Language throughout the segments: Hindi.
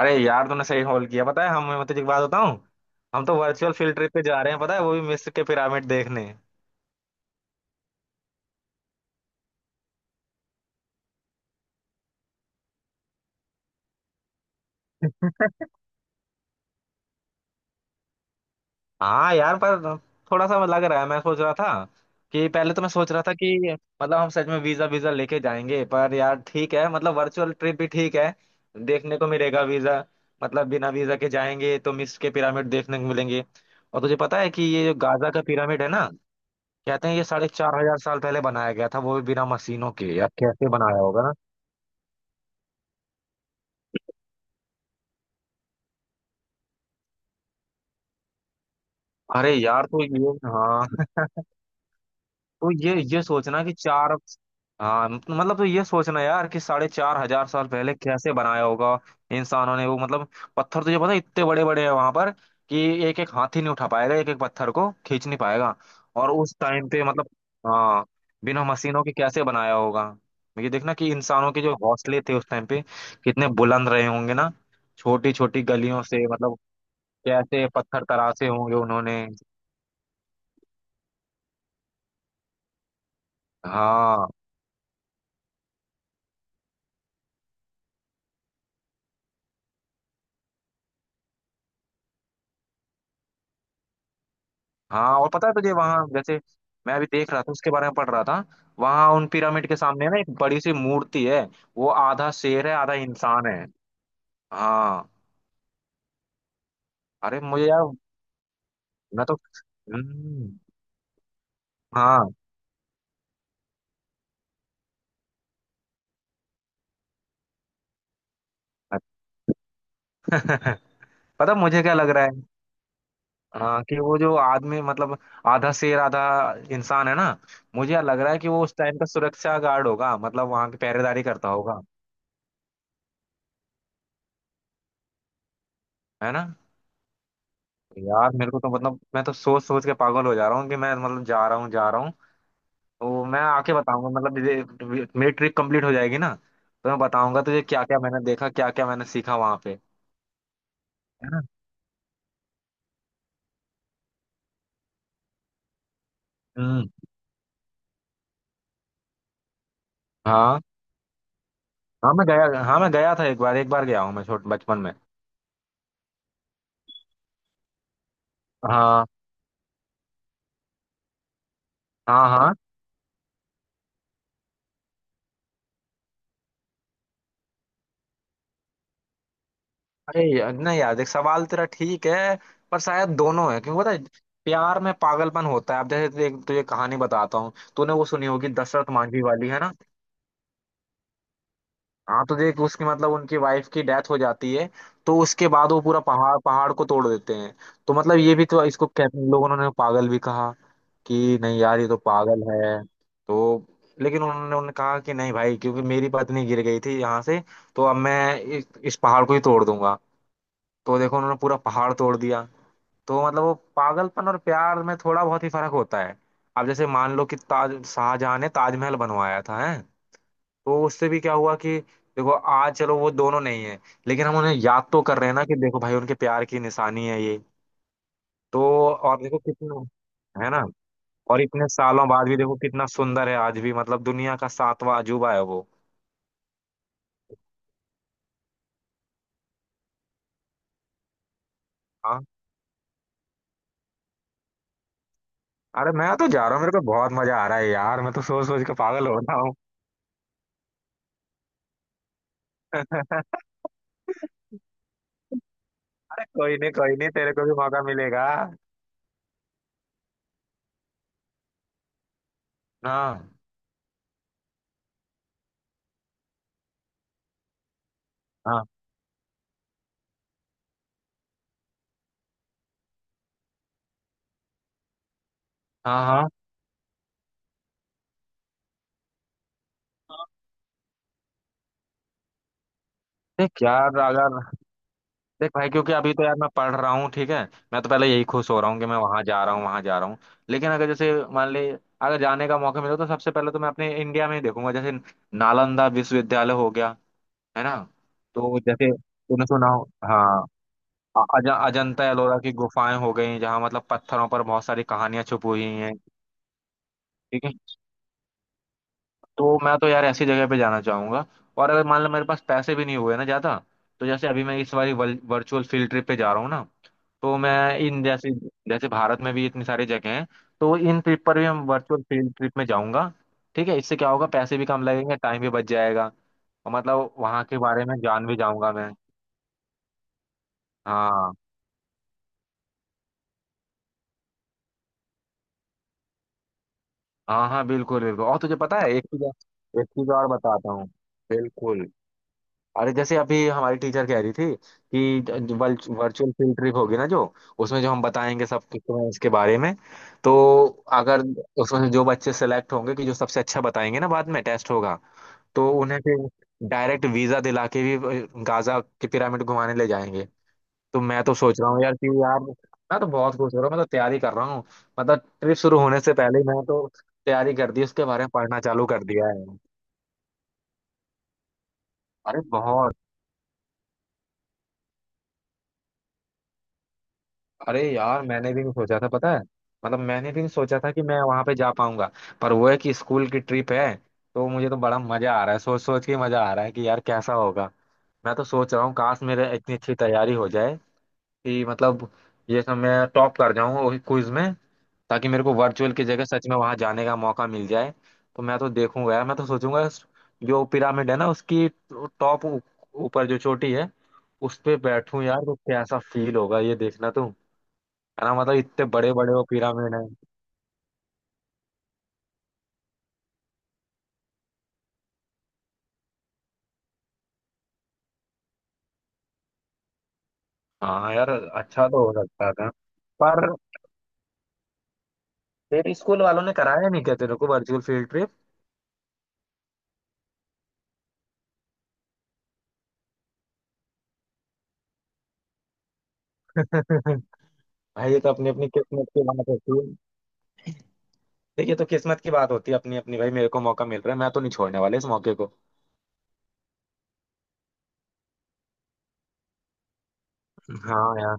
अरे यार तूने सही कॉल किया। पता है, हम मैं तुझे एक बात बताऊं। हम तो वर्चुअल फील्ड ट्रिप पे जा रहे हैं, पता है, वो भी मिस्र के पिरामिड देखने। हाँ यार, पर थोड़ा सा लग रहा है। मैं सोच रहा था कि पहले तो मैं सोच रहा था कि मतलब हम सच में वीजा वीजा लेके जाएंगे, पर यार ठीक है। मतलब वर्चुअल ट्रिप भी ठीक है, देखने को मिलेगा। वीजा मतलब, बिना वीजा के जाएंगे तो मिस्र के पिरामिड देखने को मिलेंगे। और तुझे पता है कि ये जो गाजा का पिरामिड है ना, कहते हैं ये 4,500 साल पहले बनाया गया था, वो भी बिना मशीनों के। यार, कैसे बनाया होगा? अरे यार, तो ये, हाँ। तो ये सोचना कि चार, हाँ मतलब तो ये सोचना यार कि 4,500 साल पहले कैसे बनाया होगा इंसानों ने। वो मतलब, पत्थर तुझे पता है इतने बड़े बड़े हैं वहां पर, कि एक एक हाथी नहीं उठा पाएगा, एक एक पत्थर को खींच नहीं पाएगा। और उस टाइम पे मतलब, हाँ, बिना मशीनों के कैसे बनाया होगा। ये देखना कि इंसानों के जो हौसले थे उस टाइम पे, कितने बुलंद रहे होंगे ना। छोटी छोटी गलियों से मतलब, कैसे पत्थर तराशे होंगे उन्होंने। हाँ हाँ। और पता है तुझे, वहाँ जैसे, मैं अभी देख रहा था, उसके बारे में पढ़ रहा था। वहाँ उन पिरामिड के सामने ना, एक बड़ी सी मूर्ति है। वो आधा शेर है, आधा इंसान है। हाँ। अरे मुझे यार, मैं तो, हम्म, हाँ। पता मुझे क्या लग रहा है, हाँ, कि वो जो आदमी मतलब, आधा शेर आधा इंसान है ना, मुझे लग रहा है कि वो उस टाइम का सुरक्षा गार्ड होगा, मतलब वहां की पहरेदारी करता होगा। है ना। यार मेरे को तो मतलब, मैं तो सोच सोच के पागल हो जा रहा हूँ कि मैं मतलब जा रहा हूँ, जा रहा हूँ। वो मैं आके बताऊंगा, मतलब मेरी ट्रिप कंप्लीट हो जाएगी ना, तो मैं बताऊंगा तुझे क्या क्या मैंने देखा, क्या क्या मैंने सीखा वहां पे। है ना। हम्म। हाँ हाँ, मैं गया। हाँ मैं गया था एक बार, एक बार गया हूँ मैं छोट बचपन में। हाँ हाँ हाँ। अरे यार, नहीं यार, देख, सवाल तेरा ठीक है, पर शायद दोनों है क्योंकि पता है, प्यार में पागलपन होता है। अब जैसे तुझे कहानी बताता हूँ। तूने वो सुनी होगी, दशरथ मांझी वाली, है ना। हाँ तो देख उसकी मतलब उनकी वाइफ की डेथ हो जाती है। तो उसके बाद वो पूरा पहाड़ पहाड़ को तोड़ देते हैं। तो मतलब ये भी तो, इसको कहते हैं, लोगों ने पागल भी कहा कि नहीं यार ये तो पागल है। तो लेकिन उन्होंने उन्होंने कहा कि नहीं भाई, क्योंकि मेरी पत्नी गिर गई थी यहाँ से, तो अब मैं इस पहाड़ को ही तोड़ दूंगा। तो देखो उन्होंने पूरा पहाड़ तोड़ दिया। तो मतलब वो पागलपन और प्यार में थोड़ा बहुत ही फर्क होता है। अब जैसे मान लो कि ताज, शाहजहां ने ताजमहल बनवाया था, है। तो उससे भी क्या हुआ कि देखो आज चलो वो दोनों नहीं है, लेकिन हम उन्हें याद तो कर रहे हैं ना, कि देखो भाई उनके प्यार की निशानी है ये। तो और देखो कितना, है ना, और इतने सालों बाद भी देखो कितना सुंदर है आज भी, मतलब दुनिया का सातवां अजूबा है वो। हाँ। अरे मैं तो जा रहा हूँ, मेरे को बहुत मजा आ रहा है यार, मैं तो सोच सोच के पागल हो रहा हूँ। अरे कोई नहीं कोई नहीं, तेरे को भी मौका मिलेगा। हाँ हाँ हाँ हाँ। देख यार अगर देख भाई, क्योंकि अभी तो यार मैं पढ़ रहा हूँ, ठीक है। मैं तो पहले यही खुश हो रहा हूँ कि मैं वहां जा रहा हूँ, वहां जा रहा हूँ। लेकिन अगर जैसे मान ले, अगर जाने का मौका मिला तो सबसे पहले तो मैं अपने इंडिया में ही देखूंगा, जैसे नालंदा विश्वविद्यालय हो गया, है ना। तो जैसे तूने सुना हो, हाँ, अजंता एलोरा की गुफाएं हो गई, जहाँ मतलब पत्थरों पर बहुत सारी कहानियां छुपी हुई हैं। ठीक है। तो मैं तो यार ऐसी जगह पे जाना चाहूंगा। और अगर मान लो मेरे पास पैसे भी नहीं हुए ना ज्यादा, तो जैसे अभी मैं इस बार वर्चुअल फील्ड ट्रिप पे जा रहा हूँ ना, तो मैं इन जैसे जैसे भारत में भी इतनी सारी जगह हैं, तो इन ट्रिप पर भी हम वर्चुअल फील्ड ट्रिप में जाऊंगा। ठीक है। इससे क्या होगा, पैसे भी कम लगेंगे, टाइम भी बच जाएगा, और मतलब वहाँ के बारे में जान भी जाऊंगा मैं। हाँ हाँ। हाँ बिल्कुल बिल्कुल, और तुझे पता है एक चीज, एक चीज और बताता हूँ। बिल्कुल। अरे जैसे अभी हमारी टीचर कह रही थी कि वर्चुअल फील्ड ट्रिप होगी ना, जो उसमें जो हम बताएंगे सब कुछ तुम्हें इसके बारे में, तो अगर उसमें से जो बच्चे सेलेक्ट होंगे कि जो सबसे अच्छा बताएंगे ना, बाद में टेस्ट होगा, तो उन्हें फिर डायरेक्ट वीजा दिला के भी गाजा के पिरामिड घुमाने ले जाएंगे। तो मैं तो सोच रहा हूँ यार कि यार मैं तो बहुत खुश हो रहा हूँ, मैं तो तैयारी कर रहा हूँ। मतलब ट्रिप शुरू होने से पहले ही मैं तो तैयारी कर दी, उसके बारे में पढ़ना चालू कर दिया है। अरे बहुत, अरे यार मैंने भी नहीं सोचा था, पता है, मतलब मैंने भी नहीं सोचा था कि मैं वहां पे जा पाऊंगा, पर वो है कि स्कूल की ट्रिप है। तो मुझे तो बड़ा मजा आ रहा है, सोच सोच के मजा आ रहा है कि यार कैसा होगा। मैं तो सोच रहा हूँ काश मेरे इतनी अच्छी तैयारी हो जाए कि मतलब ये सब मैं टॉप कर जाऊंगा वही क्विज में, ताकि मेरे को वर्चुअल की जगह सच में वहां जाने का मौका मिल जाए। तो मैं तो देखूंगा यार, मैं तो सोचूंगा, जो पिरामिड है ना उसकी टॉप, ऊपर जो चोटी है, उस पे बैठूं यार तो कैसा फील होगा, ये देखना तू। है ना, मतलब इतने बड़े बड़े वो पिरामिड है। हाँ यार, अच्छा तो हो सकता था। पर तेरे स्कूल वालों ने कराया नहीं क्या तेरे को वर्चुअल फील्ड ट्रिप? भाई ये तो अपनी अपनी किस्मत की बात होती है। देखिए तो किस्मत की बात होती है अपनी अपनी, भाई मेरे को मौका मिल रहा है, मैं तो नहीं छोड़ने वाला इस मौके को। हाँ यार।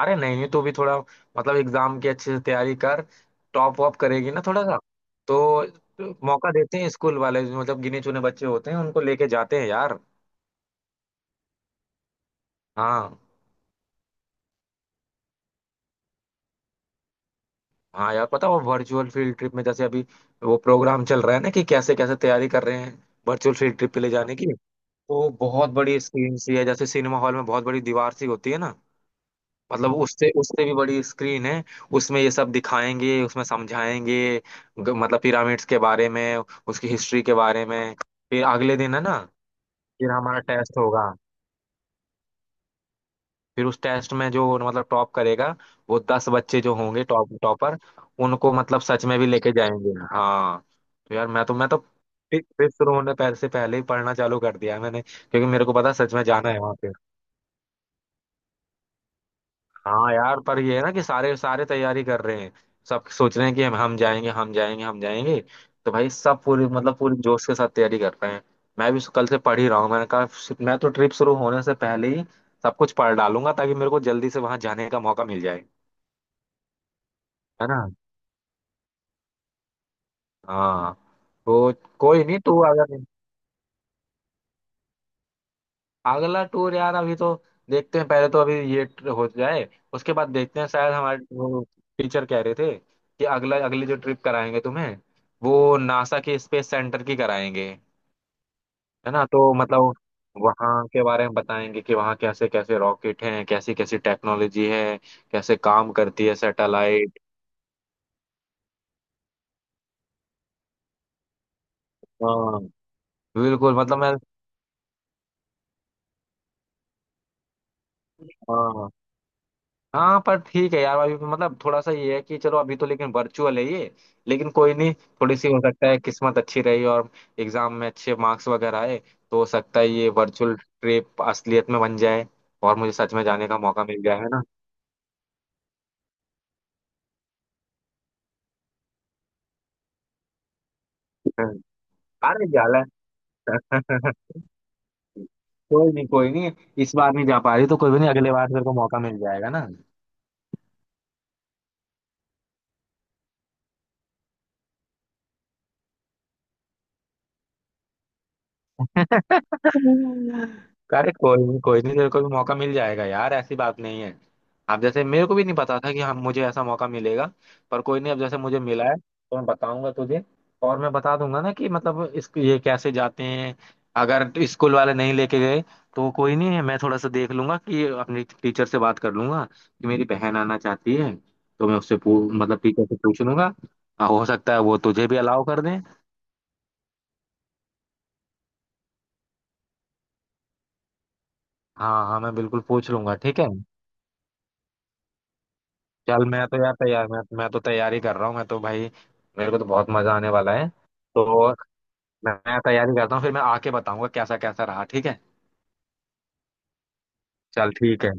अरे नहीं नहीं, तू भी थोड़ा मतलब एग्जाम की अच्छे से तैयारी कर, टॉप वॉप करेगी ना थोड़ा सा, तो मौका देते हैं स्कूल वाले जो मतलब गिने चुने बच्चे होते हैं उनको लेके जाते हैं यार। हाँ हाँ। यार पता, वो वर्चुअल फील्ड ट्रिप में जैसे अभी वो प्रोग्राम चल रहा है ना, कि कैसे कैसे तैयारी कर रहे हैं वर्चुअल फील्ड ट्रिप पे ले जाने की। तो बहुत बड़ी स्क्रीन सी है जैसे सिनेमा हॉल में बहुत बड़ी दीवार सी होती है ना, मतलब उससे उससे भी बड़ी स्क्रीन है। उसमें ये सब दिखाएंगे, उसमें समझाएंगे, मतलब पिरामिड्स के बारे में, उसकी हिस्ट्री के बारे में। फिर अगले दिन है ना, फिर हमारा टेस्ट होगा। फिर उस टेस्ट में जो मतलब टॉप करेगा, वो 10 बच्चे जो होंगे टॉप टॉपर, उनको मतलब सच में भी लेके जाएंगे। हाँ। तो यार मैं तो फिर शुरू होने पहले से पहले ही पढ़ना चालू कर दिया है मैंने, क्योंकि मेरे को पता है सच में जाना है वहाँ। हाँ यार। पर ये है ना कि सारे सारे तैयारी कर रहे हैं, सब सोच रहे हैं कि हम जाएंगे, हम जाएंगे, हम जाएंगे। तो भाई सब पूरी मतलब पूरी जोश के साथ तैयारी कर रहे हैं। मैं भी कल से पढ़ ही रहा हूँ। मैंने कहा मैं तो ट्रिप शुरू होने से पहले ही सब कुछ पढ़ डालूंगा ताकि मेरे को जल्दी से वहां जाने का मौका मिल जाए। है ना। हाँ। तो कोई नहीं। तू अगर अगला टूर यार अभी तो देखते हैं, पहले तो अभी ये हो जाए, उसके बाद देखते हैं। शायद हमारे वो टीचर कह रहे थे कि अगला अगली जो ट्रिप कराएंगे तुम्हें, वो नासा के स्पेस सेंटर की कराएंगे। है ना। तो मतलब वहाँ के बारे में बताएंगे कि वहाँ कैसे कैसे रॉकेट हैं, कैसी कैसी टेक्नोलॉजी है, कैसे काम करती है सैटेलाइट। हाँ बिल्कुल, मतलब मैं, हाँ हाँ। पर ठीक है यार अभी मतलब थोड़ा सा ये है कि चलो अभी तो लेकिन वर्चुअल है ये, लेकिन कोई नहीं। थोड़ी सी हो सकता है किस्मत अच्छी रही, और एग्जाम में अच्छे मार्क्स वगैरह आए, तो हो सकता है ये वर्चुअल ट्रिप असलियत में बन जाए, और मुझे सच में जाने का मौका मिल जाए, है ना। हम्म। अरे जाला। कोई नहीं कोई नहीं, इस बार नहीं जा पा रही तो कोई भी नहीं, अगले बार तेरे को मौका मिल जाएगा ना। अरे कोई नहीं कोई नहीं, तेरे को भी मौका मिल जाएगा यार, ऐसी बात नहीं है। आप जैसे मेरे को भी नहीं पता था कि हम मुझे ऐसा मौका मिलेगा। पर कोई नहीं, अब जैसे मुझे मिला है तो मैं बताऊंगा तुझे, और मैं बता दूंगा ना कि मतलब इस ये कैसे जाते हैं। अगर स्कूल वाले नहीं लेके गए तो कोई नहीं है, मैं थोड़ा सा देख लूंगा कि अपनी टीचर से बात कर लूंगा कि मेरी बहन आना चाहती है, तो मैं उससे मतलब टीचर से पूछ लूंगा। हाँ, हो सकता है वो तुझे भी अलाउ कर दें। हाँ हाँ मैं बिल्कुल पूछ लूंगा, ठीक है। चल मैं तो यार तैयार, मैं तो तैयारी कर रहा हूँ, मैं तो भाई मेरे को तो बहुत मजा आने वाला है। तो मैं तैयारी करता हूँ, फिर मैं आके बताऊंगा कैसा कैसा रहा, ठीक है। चल ठीक है।